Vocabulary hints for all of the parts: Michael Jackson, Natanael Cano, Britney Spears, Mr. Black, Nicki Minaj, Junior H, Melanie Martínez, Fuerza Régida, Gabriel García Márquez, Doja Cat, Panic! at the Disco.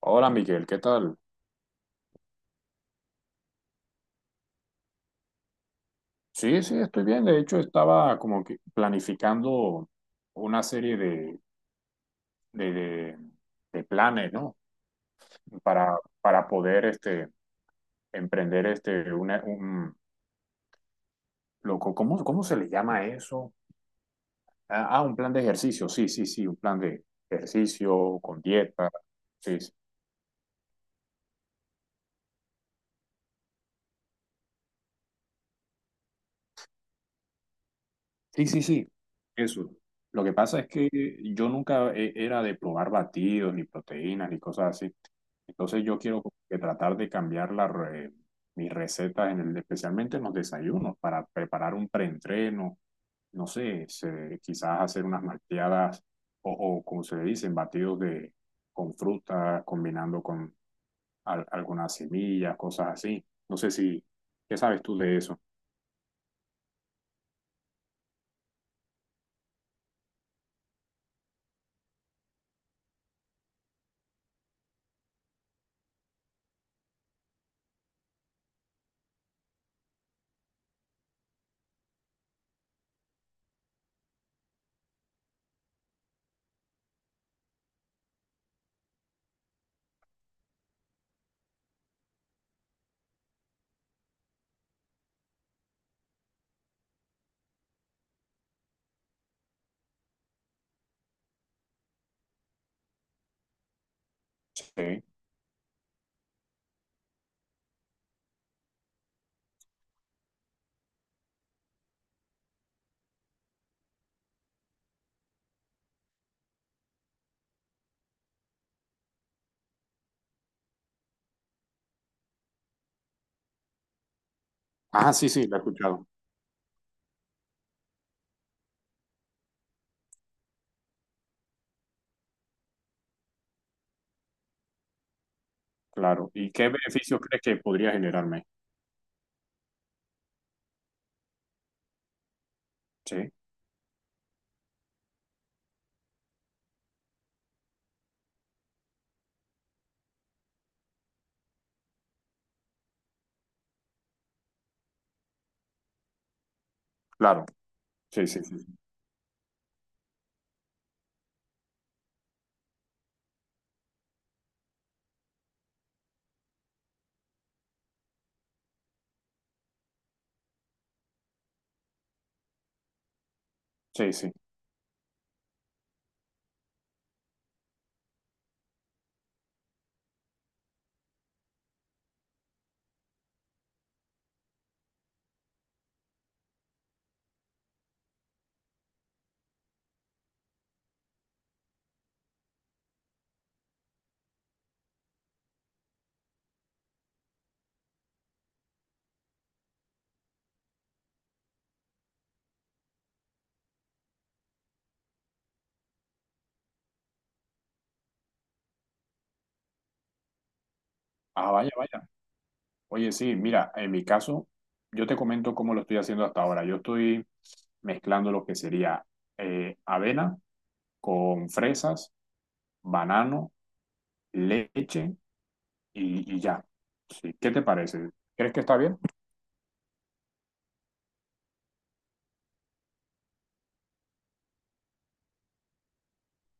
Hola Miguel, ¿qué tal? Sí, sí, estoy bien. De hecho, estaba como que planificando una serie de, de- de planes, ¿no? Para poder emprender loco, ¿cómo se le llama eso? Un plan de ejercicio. Sí, sí, sí, un plan de ejercicio con dieta. Sí, sí, sí, sí, sí, eso. Lo que pasa es que yo nunca era de probar batidos, ni proteínas, ni cosas así. Entonces yo quiero como que tratar de cambiar mis recetas, especialmente en los desayunos, para preparar un preentreno, no sé, quizás hacer unas malteadas o, como se le dicen, batidos de, con fruta, combinando con algunas semillas, cosas así. No sé si, ¿qué sabes tú de eso? Sí. Ah, sí, sí, la he escuchado. Claro. ¿Y qué beneficios crees que podría generarme? Sí, claro. Sí, sí, sí. Sí, sí. Ah, vaya, vaya. Oye, sí, mira, en mi caso, yo te comento cómo lo estoy haciendo hasta ahora. Yo estoy mezclando lo que sería avena con fresas, banano, leche y ya. Sí, ¿qué te parece? ¿Crees que está bien?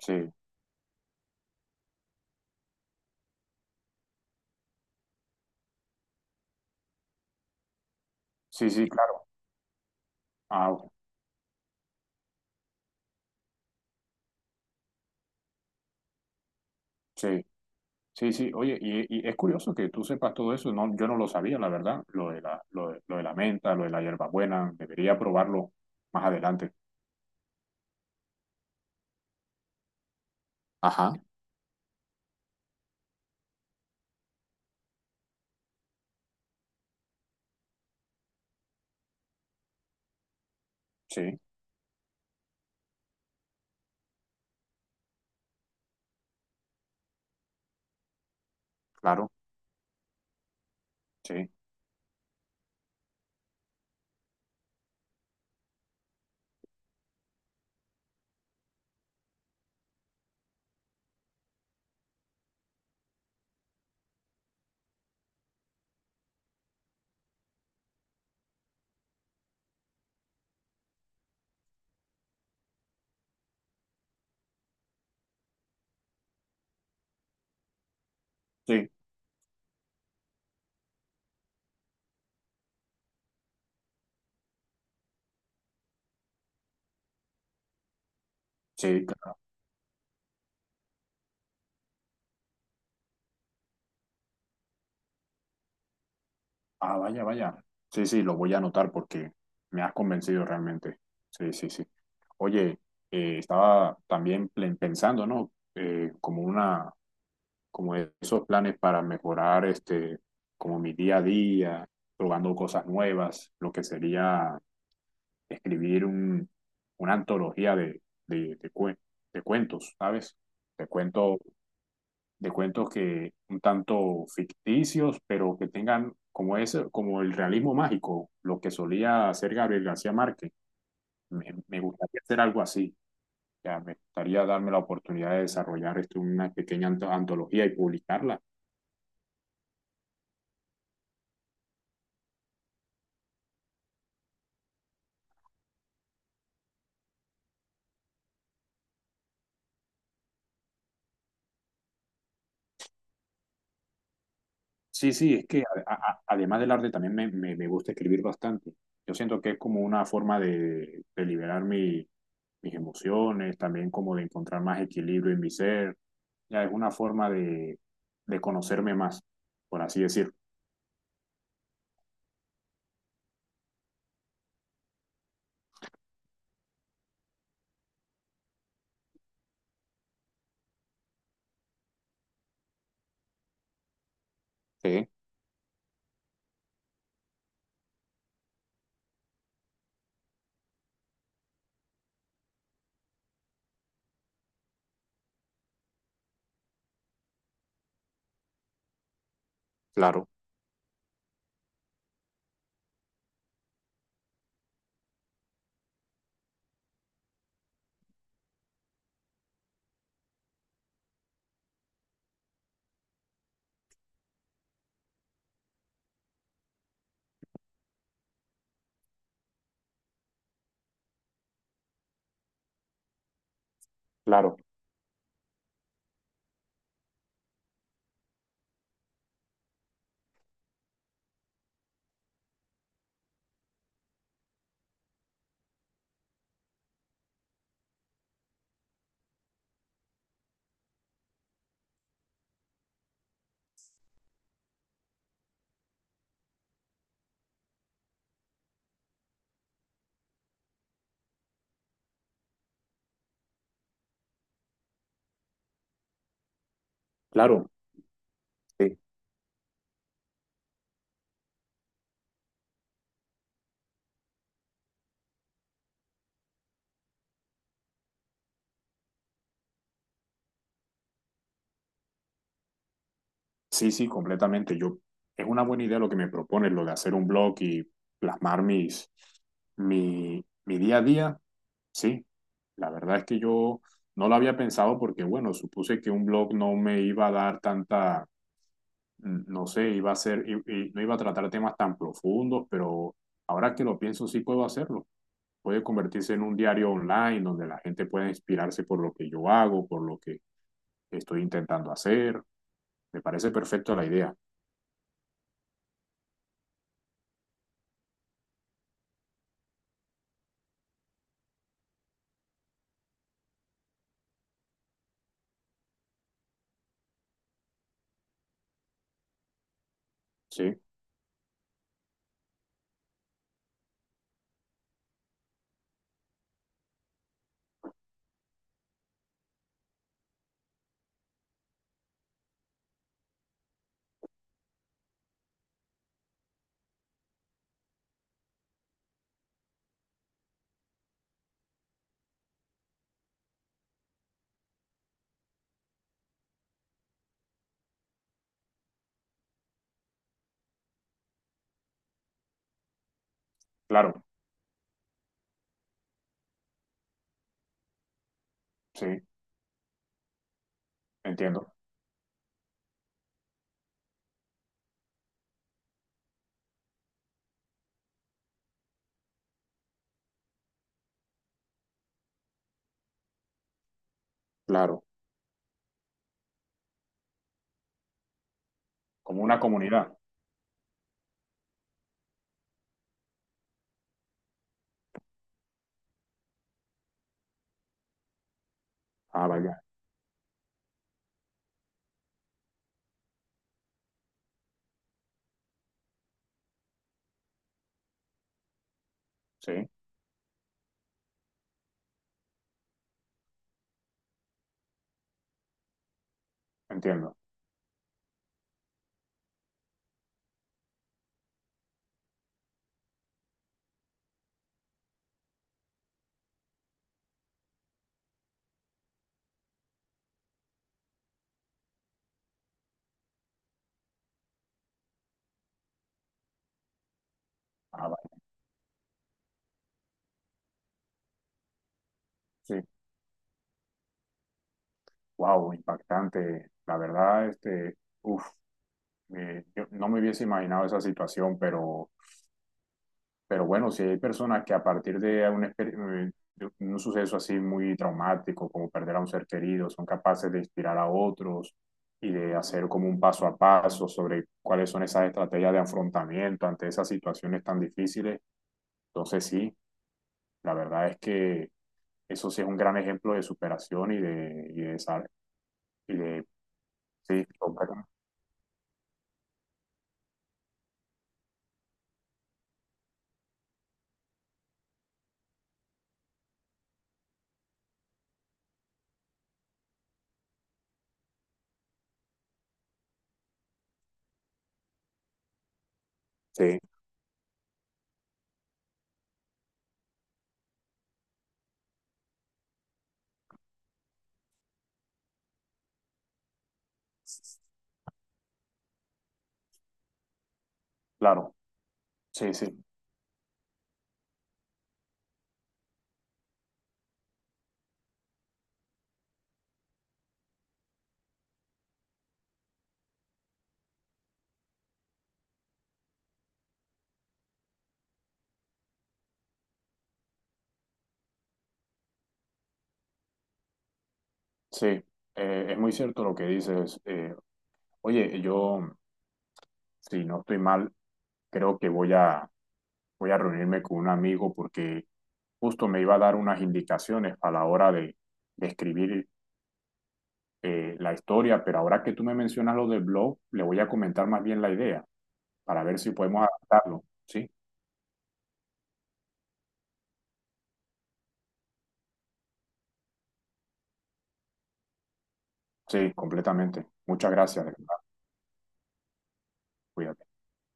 Sí, sí, sí, claro. Ah, ok. Sí, sí, sí. Oye, y es curioso que tú sepas todo eso. No, yo no lo sabía, la verdad, lo de la menta, lo de la hierbabuena. Debería probarlo más adelante. Ajá, sí, claro, sí, sí, sí. Ah, vaya, vaya. Sí, sí, lo voy a anotar porque me has convencido realmente. Sí, sí, sí. Oye, estaba también pensando, ¿no? Como esos planes para mejorar como mi día a día, probando cosas nuevas, lo que sería escribir una antología de, de cue- de cuentos, ¿sabes? De cuentos de cuentos que un tanto ficticios, pero que tengan como ese, como el realismo mágico, lo que solía hacer Gabriel García Márquez. Me gustaría hacer algo así. Ya, me gustaría darme la oportunidad de desarrollar esto una pequeña antología y publicarla. Sí, sí, es que además del arte también me gusta escribir bastante. Yo siento que es como una forma de liberar mis emociones, también como de encontrar más equilibrio en mi ser. Ya es una forma de conocerme más, por así decirlo. Sí, claro, claro, claro. Sí, sí, sí, completamente. Es una buena idea lo que me propones, lo de hacer un blog y plasmar mi día a día. Sí, la verdad es que yo no lo había pensado porque, bueno, supuse que un blog no me iba a dar tanta, no sé, iba a ser, no iba a tratar temas tan profundos, pero ahora que lo pienso sí puedo hacerlo. Puede convertirse en un diario online donde la gente pueda inspirarse por lo que yo hago, por lo que estoy intentando hacer. Me parece perfecto la idea. Sí, claro, sí, entiendo, claro, como una comunidad. Ah, vaya, sí, entiendo. Ah, vaya, sí. Wow, impactante. La verdad, uf, yo no me hubiese imaginado esa situación, pero bueno, si hay personas que a partir de un suceso así muy traumático, como perder a un ser querido, son capaces de inspirar a otros y de hacer como un paso a paso sobre cuáles son esas estrategias de afrontamiento ante esas situaciones tan difíciles. Entonces, sí, la verdad es que eso sí es un gran ejemplo de superación y de, sal- y de, sí, completamente. Sí, claro. Sí, sí, sí. Es muy cierto lo que dices. Oye, yo, si no estoy mal, creo que voy a reunirme con un amigo porque justo me iba a dar unas indicaciones a la hora de escribir la historia, pero ahora que tú me mencionas lo del blog, le voy a comentar más bien la idea para ver si podemos adaptarlo. Sí, sí, completamente. Muchas gracias, de verdad. Cuídate.